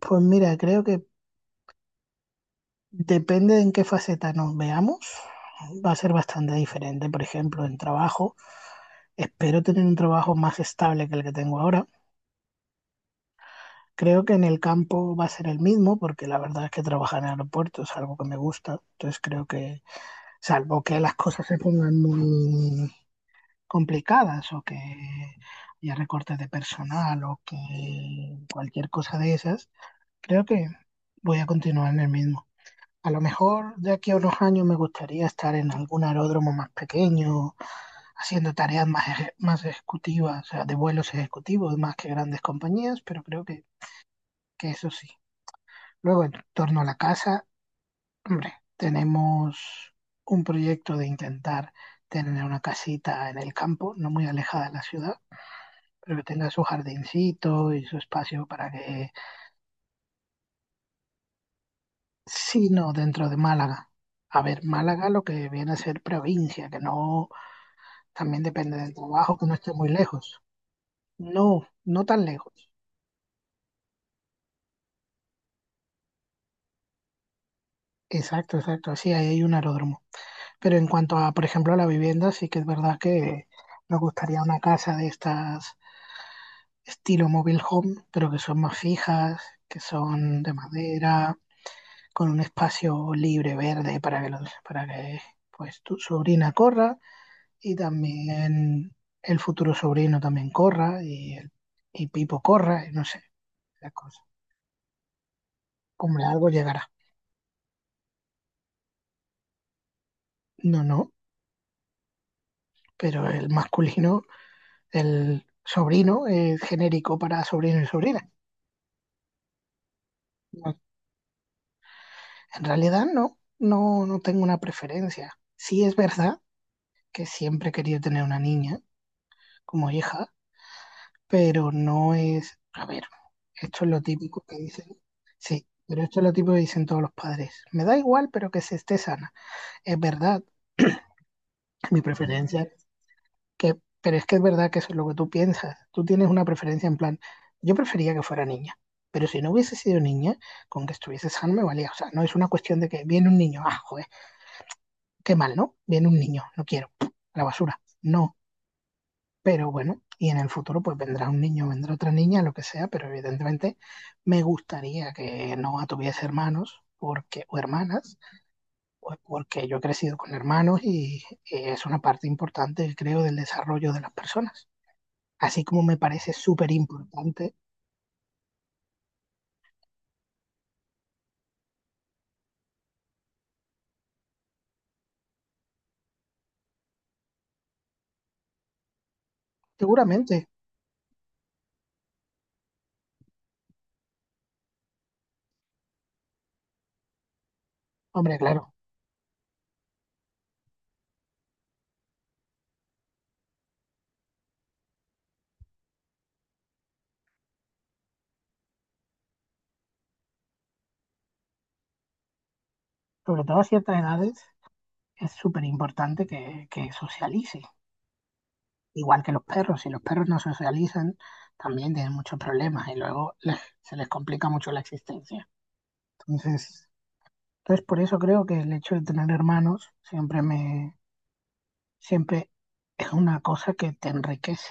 Pues mira, creo que depende de en qué faceta nos veamos, va a ser bastante diferente. Por ejemplo, en trabajo, espero tener un trabajo más estable que el que tengo ahora. Creo que en el campo va a ser el mismo, porque la verdad es que trabajar en aeropuertos es algo que me gusta. Entonces creo que, salvo que las cosas se pongan muy complicadas o que haya recortes de personal o que cualquier cosa de esas, creo que voy a continuar en el mismo. A lo mejor de aquí a unos años me gustaría estar en algún aeródromo más pequeño, haciendo tareas más ejecutivas, o sea, de vuelos ejecutivos más que grandes compañías, pero creo que eso sí. Luego, en torno a la casa, hombre, tenemos un proyecto de intentar tener una casita en el campo, no muy alejada de la ciudad, pero que tenga su jardincito y su espacio para que, si no dentro de Málaga. A ver, Málaga lo que viene a ser provincia, que no. También depende del trabajo, que no esté muy lejos. No, no tan lejos. Exacto, exacto. Sí, ahí hay un aeródromo. Pero en cuanto a, por ejemplo, a la vivienda, sí que es verdad que nos gustaría una casa de estas estilo mobile home, pero que son más fijas, que son de madera, con un espacio libre, verde, para que pues tu sobrina corra y también el futuro sobrino también corra y Pipo corra y no sé, la cosa. Hombre, algo llegará. No, no, pero el masculino, el sobrino es genérico para sobrino y sobrina. No, en realidad no, no, no tengo una preferencia. Sí es verdad que siempre quería tener una niña como hija, pero no es, a ver, esto es lo típico que dicen, sí, pero esto es lo típico que dicen todos los padres. Me da igual, pero que se esté sana. Es verdad, mi preferencia que, pero es que es verdad que eso es lo que tú piensas. Tú tienes una preferencia en plan, yo prefería que fuera niña, pero si no hubiese sido niña, con que estuviese sano me valía. O sea, no es una cuestión de que viene un niño, ah, joder, qué mal, ¿no? Viene un niño, no quiero, a la basura, no. Pero bueno, y en el futuro pues vendrá un niño, vendrá otra niña, lo que sea, pero evidentemente me gustaría que no tuviese hermanos porque, o hermanas, pues porque yo he crecido con hermanos y es una parte importante, creo, del desarrollo de las personas así como me parece súper importante, seguramente, hombre, claro, sobre todo a ciertas edades, es súper importante que socialice, igual que los perros, si los perros no socializan, también tienen muchos problemas y luego se les complica mucho la existencia. Entonces, entonces, por eso creo que el hecho de tener hermanos siempre es una cosa que te enriquece.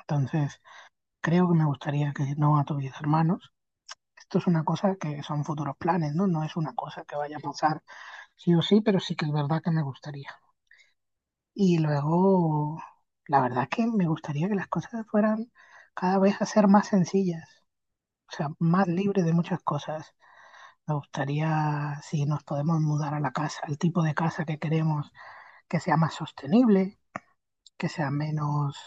Entonces, creo que me gustaría que no tuviese hermanos. Esto es una cosa que son futuros planes, ¿no? No es una cosa que vaya a pasar sí o sí, pero sí que es verdad que me gustaría. Y luego, la verdad que me gustaría que las cosas fueran cada vez a ser más sencillas, o sea, más libres de muchas cosas. Me gustaría si nos podemos mudar a la casa, el tipo de casa que queremos que sea más sostenible, que sea menos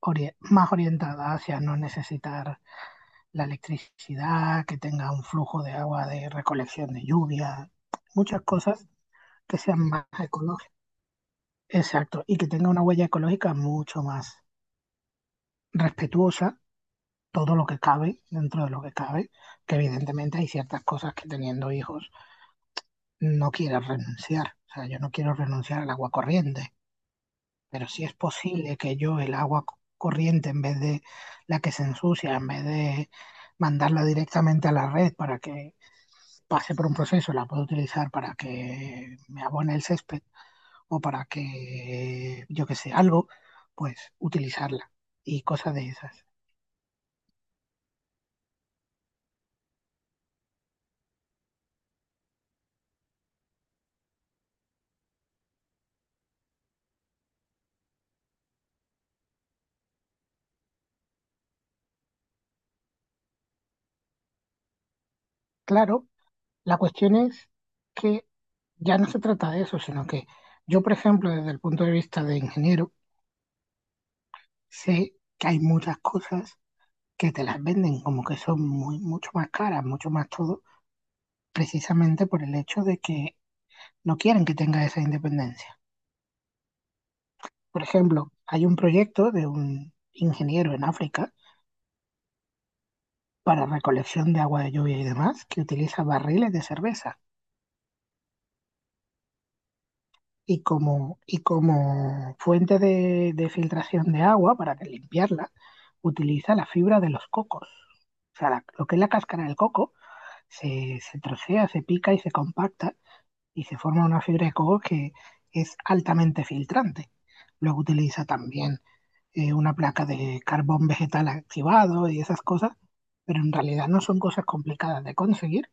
ori- más orientada hacia no necesitar la electricidad, que tenga un flujo de agua de recolección de lluvia, muchas cosas que sean más ecológicas. Exacto, y que tenga una huella ecológica mucho más respetuosa, todo lo que cabe, dentro de lo que cabe, que evidentemente hay ciertas cosas que teniendo hijos no quieres renunciar. O sea, yo no quiero renunciar al agua corriente, pero si es posible que yo el agua corriente, en vez de la que se ensucia, en vez de mandarla directamente a la red para que pase por un proceso, la puedo utilizar para que me abone el césped o para que, yo que sé, algo, pues utilizarla y cosas de esas. Claro, la cuestión es que ya no se trata de eso, sino que yo, por ejemplo, desde el punto de vista de ingeniero, sé que hay muchas cosas que te las venden como que son muy, mucho más caras, mucho más todo, precisamente por el hecho de que no quieren que tenga esa independencia. Por ejemplo, hay un proyecto de un ingeniero en África para recolección de agua de lluvia y demás que utiliza barriles de cerveza y como fuente de filtración de agua para que limpiarla utiliza la fibra de los cocos. O sea, lo que es la cáscara del coco se trocea, se pica y se compacta y se forma una fibra de coco que es altamente filtrante. Luego utiliza también una placa de carbón vegetal activado y esas cosas, pero en realidad no son cosas complicadas de conseguir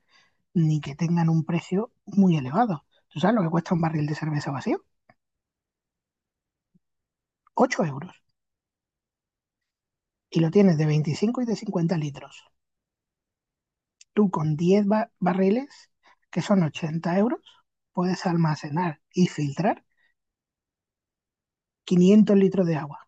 ni que tengan un precio muy elevado. ¿Tú sabes lo que cuesta un barril de cerveza vacío? 8 euros. Y lo tienes de 25 y de 50 litros. Tú con 10 barriles, que son 80 euros, puedes almacenar y filtrar 500 litros de agua.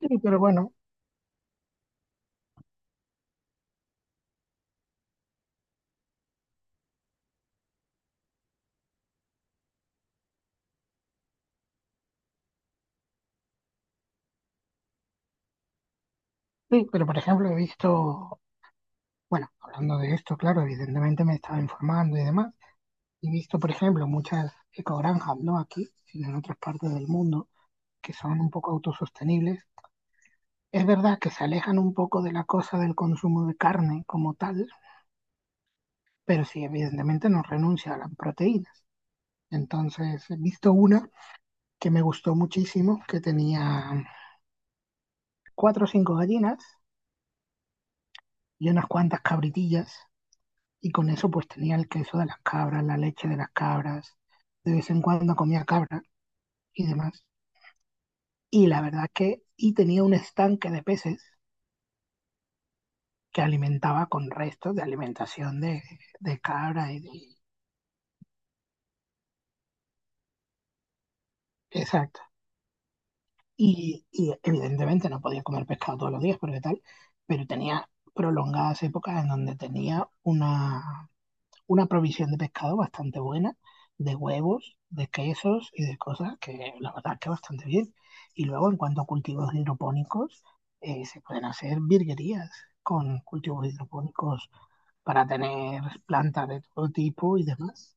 Sí, pero bueno, sí, pero por ejemplo he visto, bueno, hablando de esto, claro, evidentemente me estaba informando y demás. He visto, por ejemplo, muchas ecogranjas, no aquí, sino en otras partes del mundo, que son un poco autosostenibles. Es verdad que se alejan un poco de la cosa del consumo de carne como tal, pero sí, evidentemente no renuncia a las proteínas. Entonces, he visto una que me gustó muchísimo, que tenía cuatro o cinco gallinas y unas cuantas cabritillas, y con eso pues tenía el queso de las cabras, la leche de las cabras, de vez en cuando comía cabra y demás. Y la verdad que y tenía un estanque de peces que alimentaba con restos de alimentación de cabra y de... Exacto. Y evidentemente no podía comer pescado todos los días porque tal, pero tenía prolongadas épocas en donde tenía una provisión de pescado bastante buena, de huevos, de quesos y de cosas que la verdad que bastante bien. Y luego en cuanto a cultivos hidropónicos, se pueden hacer virguerías con cultivos hidropónicos para tener plantas de todo tipo y demás.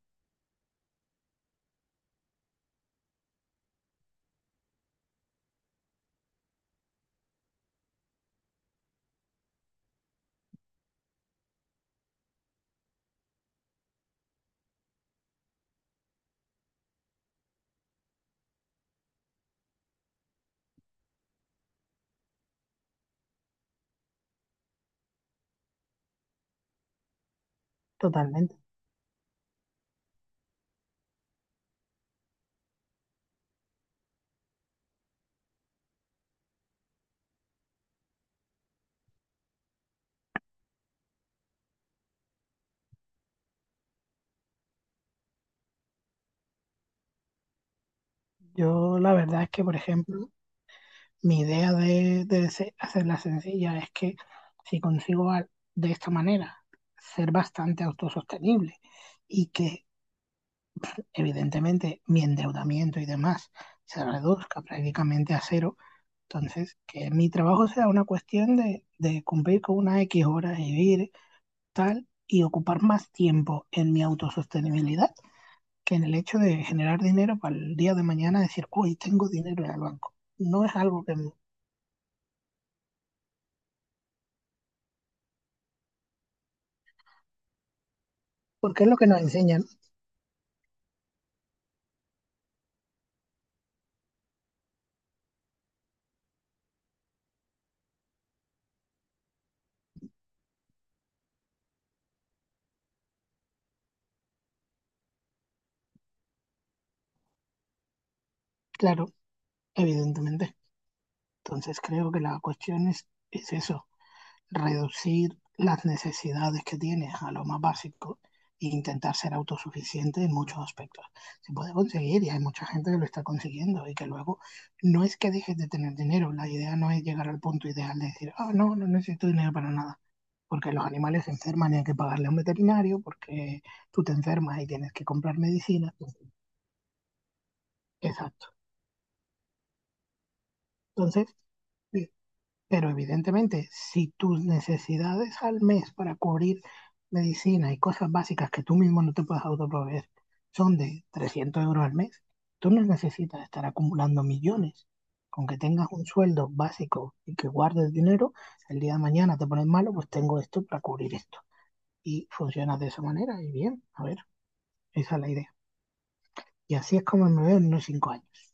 Totalmente. Yo la verdad es que, por ejemplo, mi idea de hacerla sencilla es que si consigo de esta manera ser bastante autosostenible y que evidentemente mi endeudamiento y demás se reduzca prácticamente a cero, entonces que mi trabajo sea una cuestión de cumplir con unas X horas y vivir tal y ocupar más tiempo en mi autosostenibilidad que en el hecho de generar dinero para el día de mañana decir, hoy tengo dinero en el banco. No es algo que... no. Porque es lo que nos enseñan, claro, evidentemente. Entonces creo que la cuestión es eso, reducir las necesidades que tienes a lo más básico e intentar ser autosuficiente en muchos aspectos. Se puede conseguir y hay mucha gente que lo está consiguiendo y que luego no es que dejes de tener dinero, la idea no es llegar al punto ideal de decir, ah, oh, no, no necesito dinero para nada, porque los animales se enferman y hay que pagarle a un veterinario, porque tú te enfermas y tienes que comprar medicina. Exacto. Entonces. Pero evidentemente, si tus necesidades al mes para cubrir medicina y cosas básicas que tú mismo no te puedes autoproveer son de 300 euros al mes, tú no necesitas estar acumulando millones. Con que tengas un sueldo básico y que guardes dinero, el día de mañana te pones malo, pues tengo esto para cubrir esto. Y funciona de esa manera y bien, a ver, esa es la idea. Y así es como me veo en unos 5 años.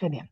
Genial.